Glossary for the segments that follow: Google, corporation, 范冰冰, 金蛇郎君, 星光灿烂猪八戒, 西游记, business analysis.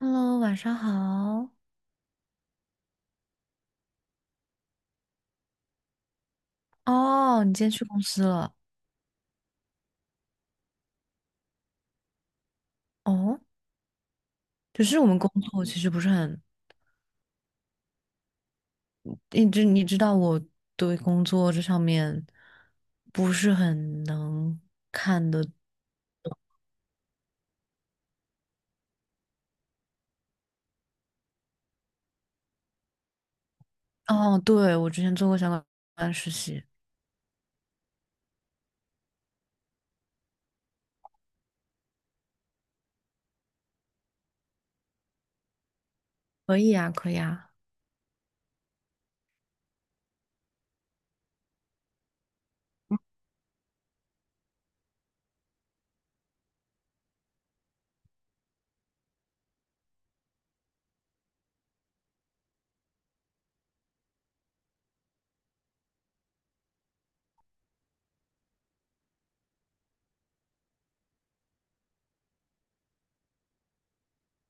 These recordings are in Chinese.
Hello，晚上好。哦，你今天去公司了？哦，就是我们工作其实不是很，你知道我对工作这上面不是很能。哦，对，我之前做过相关的实习。可以啊。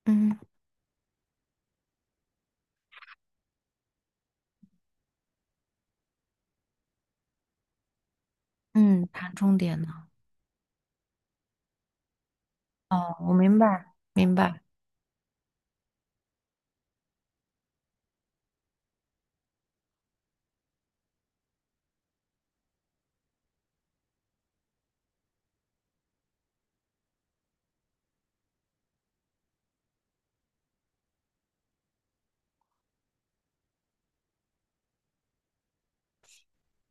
嗯嗯，谈重点呢。哦，我明白，明白。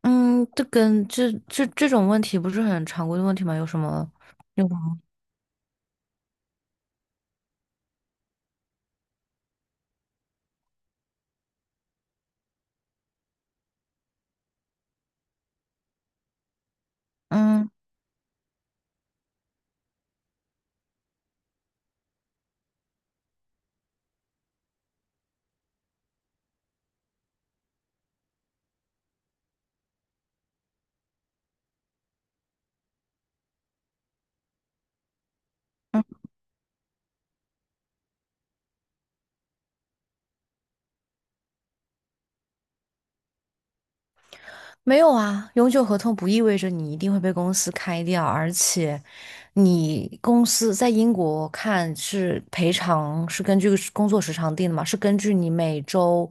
嗯，这跟这种问题不是很常规的问题吗？有什么？有吗？嗯嗯。没有啊，永久合同不意味着你一定会被公司开掉，而且你公司在英国看是赔偿是根据工作时长定的嘛，是根据你每周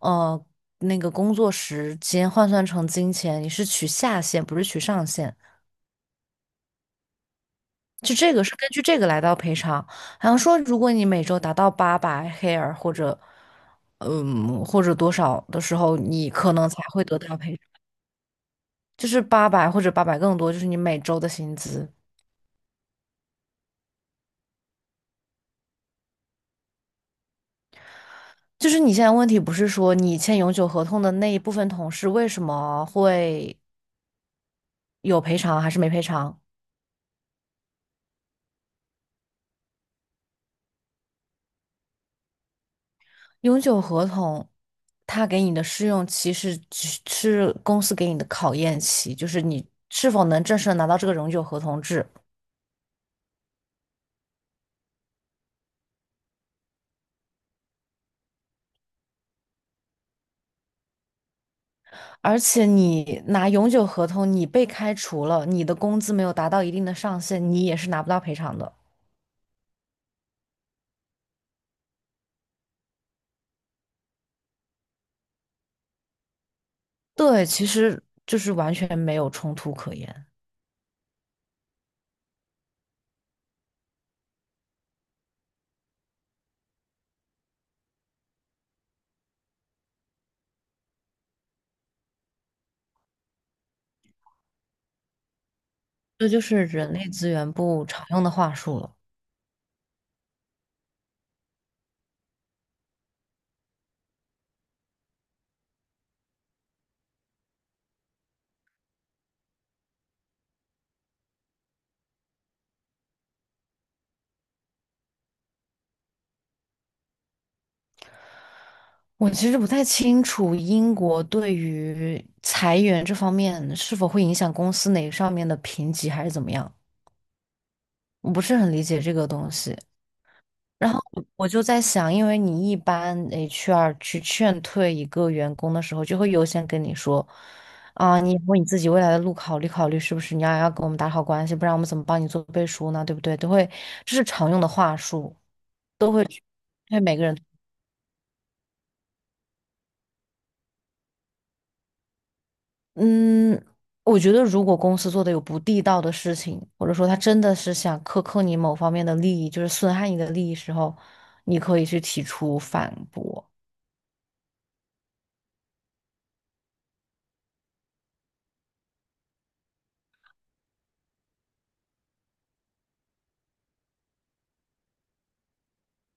呃那个工作时间换算成金钱，你是取下限不是取上限，就这个是根据这个来到赔偿。好像说如果你每周达到八百 hair 或者或者多少的时候，你可能才会得到赔偿。就是800 或者 800更多，就是你每周的薪资。就是你现在问题不是说你签永久合同的那一部分同事为什么会有赔偿还是没赔偿？永久合同他给你的试用期是只是公司给你的考验期，就是你是否能正式的拿到这个永久合同制。而且你拿永久合同，你被开除了，你的工资没有达到一定的上限，你也是拿不到赔偿的。对，其实就是完全没有冲突可言。这就是人力资源部常用的话术了。我其实不太清楚英国对于裁员这方面是否会影响公司哪上面的评级还是怎么样，我不是很理解这个东西。然后我就在想，因为你一般 HR 去劝退一个员工的时候，就会优先跟你说，啊，你为你自己未来的路考虑考虑，是不是你要跟我们打好关系，不然我们怎么帮你做背书呢？对不对？都会，这是常用的话术，都会因为每个人。嗯，我觉得如果公司做的有不地道的事情，或者说他真的是想苛刻你某方面的利益，就是损害你的利益时候，你可以去提出反驳。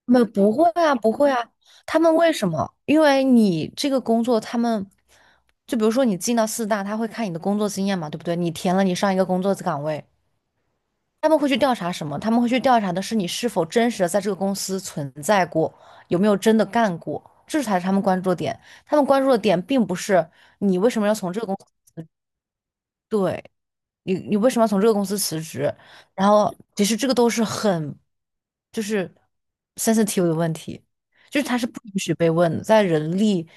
那不会啊，不会啊。他们为什么？因为你这个工作，他们就比如说你进到四大，他会看你的工作经验嘛，对不对？你填了你上一个工作岗位，他们会去调查什么？他们会去调查的是你是否真实的在这个公司存在过，有没有真的干过，这才是他们关注的点。他们关注的点并不是你为什么要从这个公司，对，你你为什么要从这个公司辞职？然后其实这个都是很就是 sensitive 的问题，就是它是不允许被问的，在人力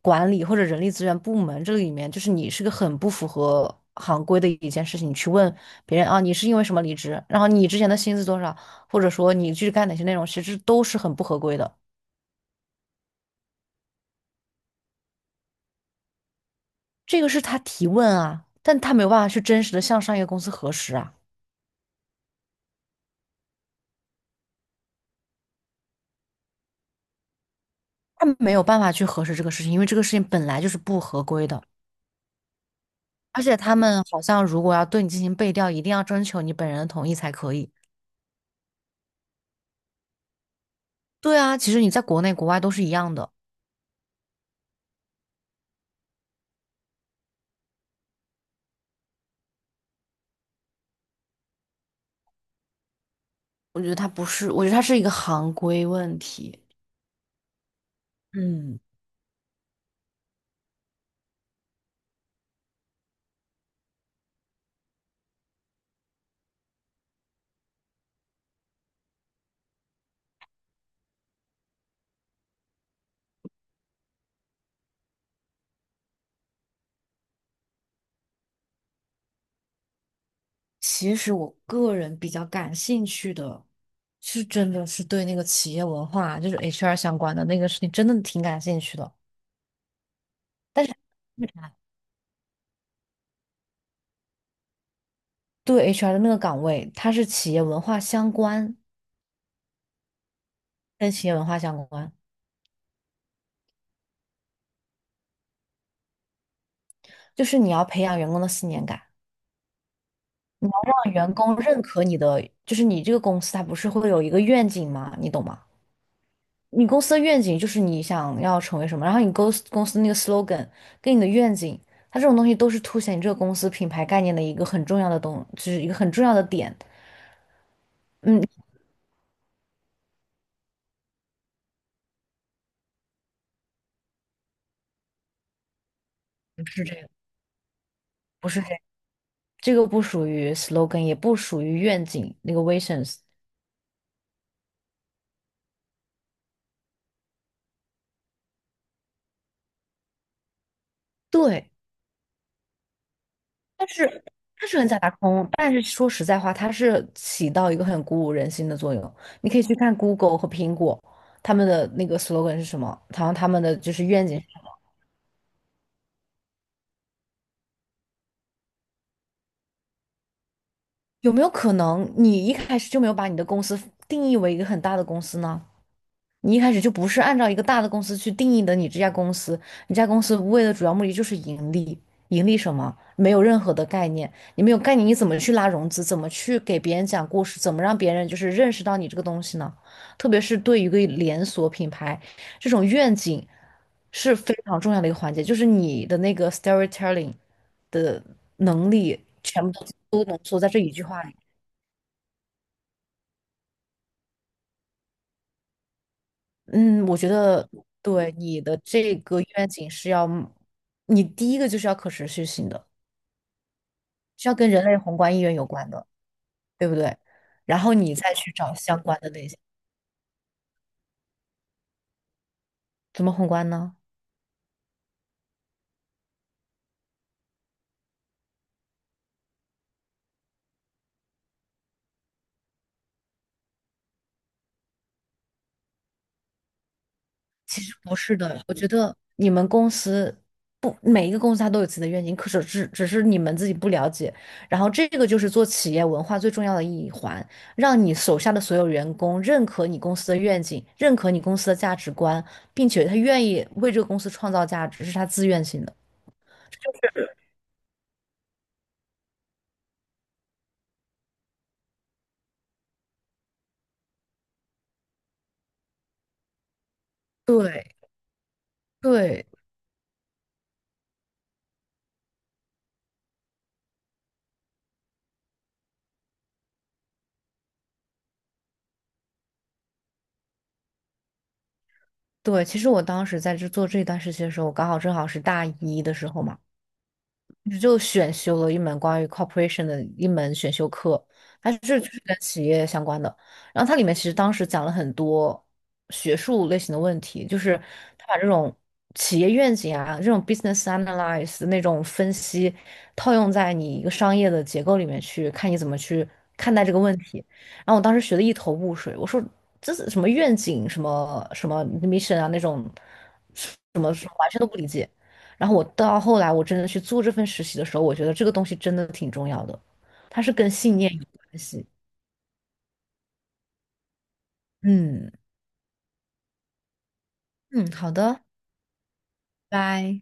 管理或者人力资源部门这里面，就是你是个很不符合行规的一件事情，你去问别人啊，你是因为什么离职？然后你之前的薪资多少？或者说你去干哪些内容，其实都是很不合规的。这个是他提问啊，但他没有办法去真实的向上一个公司核实啊，他没有办法去核实这个事情，因为这个事情本来就是不合规的。而且他们好像如果要对你进行背调，一定要征求你本人的同意才可以。对啊，其实你在国内国外都是一样的。我觉得它不是，我觉得它是一个行规问题。嗯，其实我个人比较感兴趣的是，真的是对那个企业文化，就是 HR 相关的那个事情，真的挺感兴趣的。但是为啥？对 HR 的那个岗位，它是企业文化相关，跟企业文化相关，就是你要培养员工的信念感。让员工认可你的，就是你这个公司它不是会有一个愿景吗？你懂吗？你公司的愿景就是你想要成为什么，然后你公司那个 slogan 跟你的愿景，它这种东西都是凸显你这个公司品牌概念的一个很重要的东，就是一个很重要的点。嗯，不是这个，不是这个，这个不属于 slogan，也不属于愿景那个 visions。对，但是它是很假大空，但是说实在话，它是起到一个很鼓舞人心的作用。你可以去看 Google 和苹果他们的那个 slogan 是什么，然后他们的就是愿景是什么有没有可能你一开始就没有把你的公司定义为一个很大的公司呢？你一开始就不是按照一个大的公司去定义的，你这家公司，你这家公司为的主要目的就是盈利，盈利什么？没有任何的概念，你没有概念，你怎么去拉融资？怎么去给别人讲故事？怎么让别人就是认识到你这个东西呢？特别是对于一个连锁品牌，这种愿景是非常重要的一个环节，就是你的那个 storytelling 的能力全部都浓缩在这一句话里。嗯，我觉得对你的这个愿景是要，你第一个就是要可持续性的，是要跟人类宏观意愿有关的，对不对？然后你再去找相关的那些，怎么宏观呢？其实不是的，我觉得你们公司不每一个公司它都有自己的愿景，可是只是你们自己不了解。然后这个就是做企业文化最重要的一环，让你手下的所有员工认可你公司的愿景，认可你公司的价值观，并且他愿意为这个公司创造价值，是他自愿性的。对对对，其实我当时在这做这一段事情的时候，我刚好正好是大一的时候嘛。就选修了一门关于 corporation 的一门选修课，它是就是跟企业相关的。然后它里面其实当时讲了很多学术类型的问题，就是他把这种企业愿景啊，这种 business analysis 那种分析，套用在你一个商业的结构里面去，看你怎么去看待这个问题。然后我当时学的一头雾水，我说这是什么愿景，什么什么 mission 啊那种，什么什么完全都不理解。然后我到后来我真的去做这份实习的时候，我觉得这个东西真的挺重要的，它是跟信念有关系。嗯嗯，好的，拜。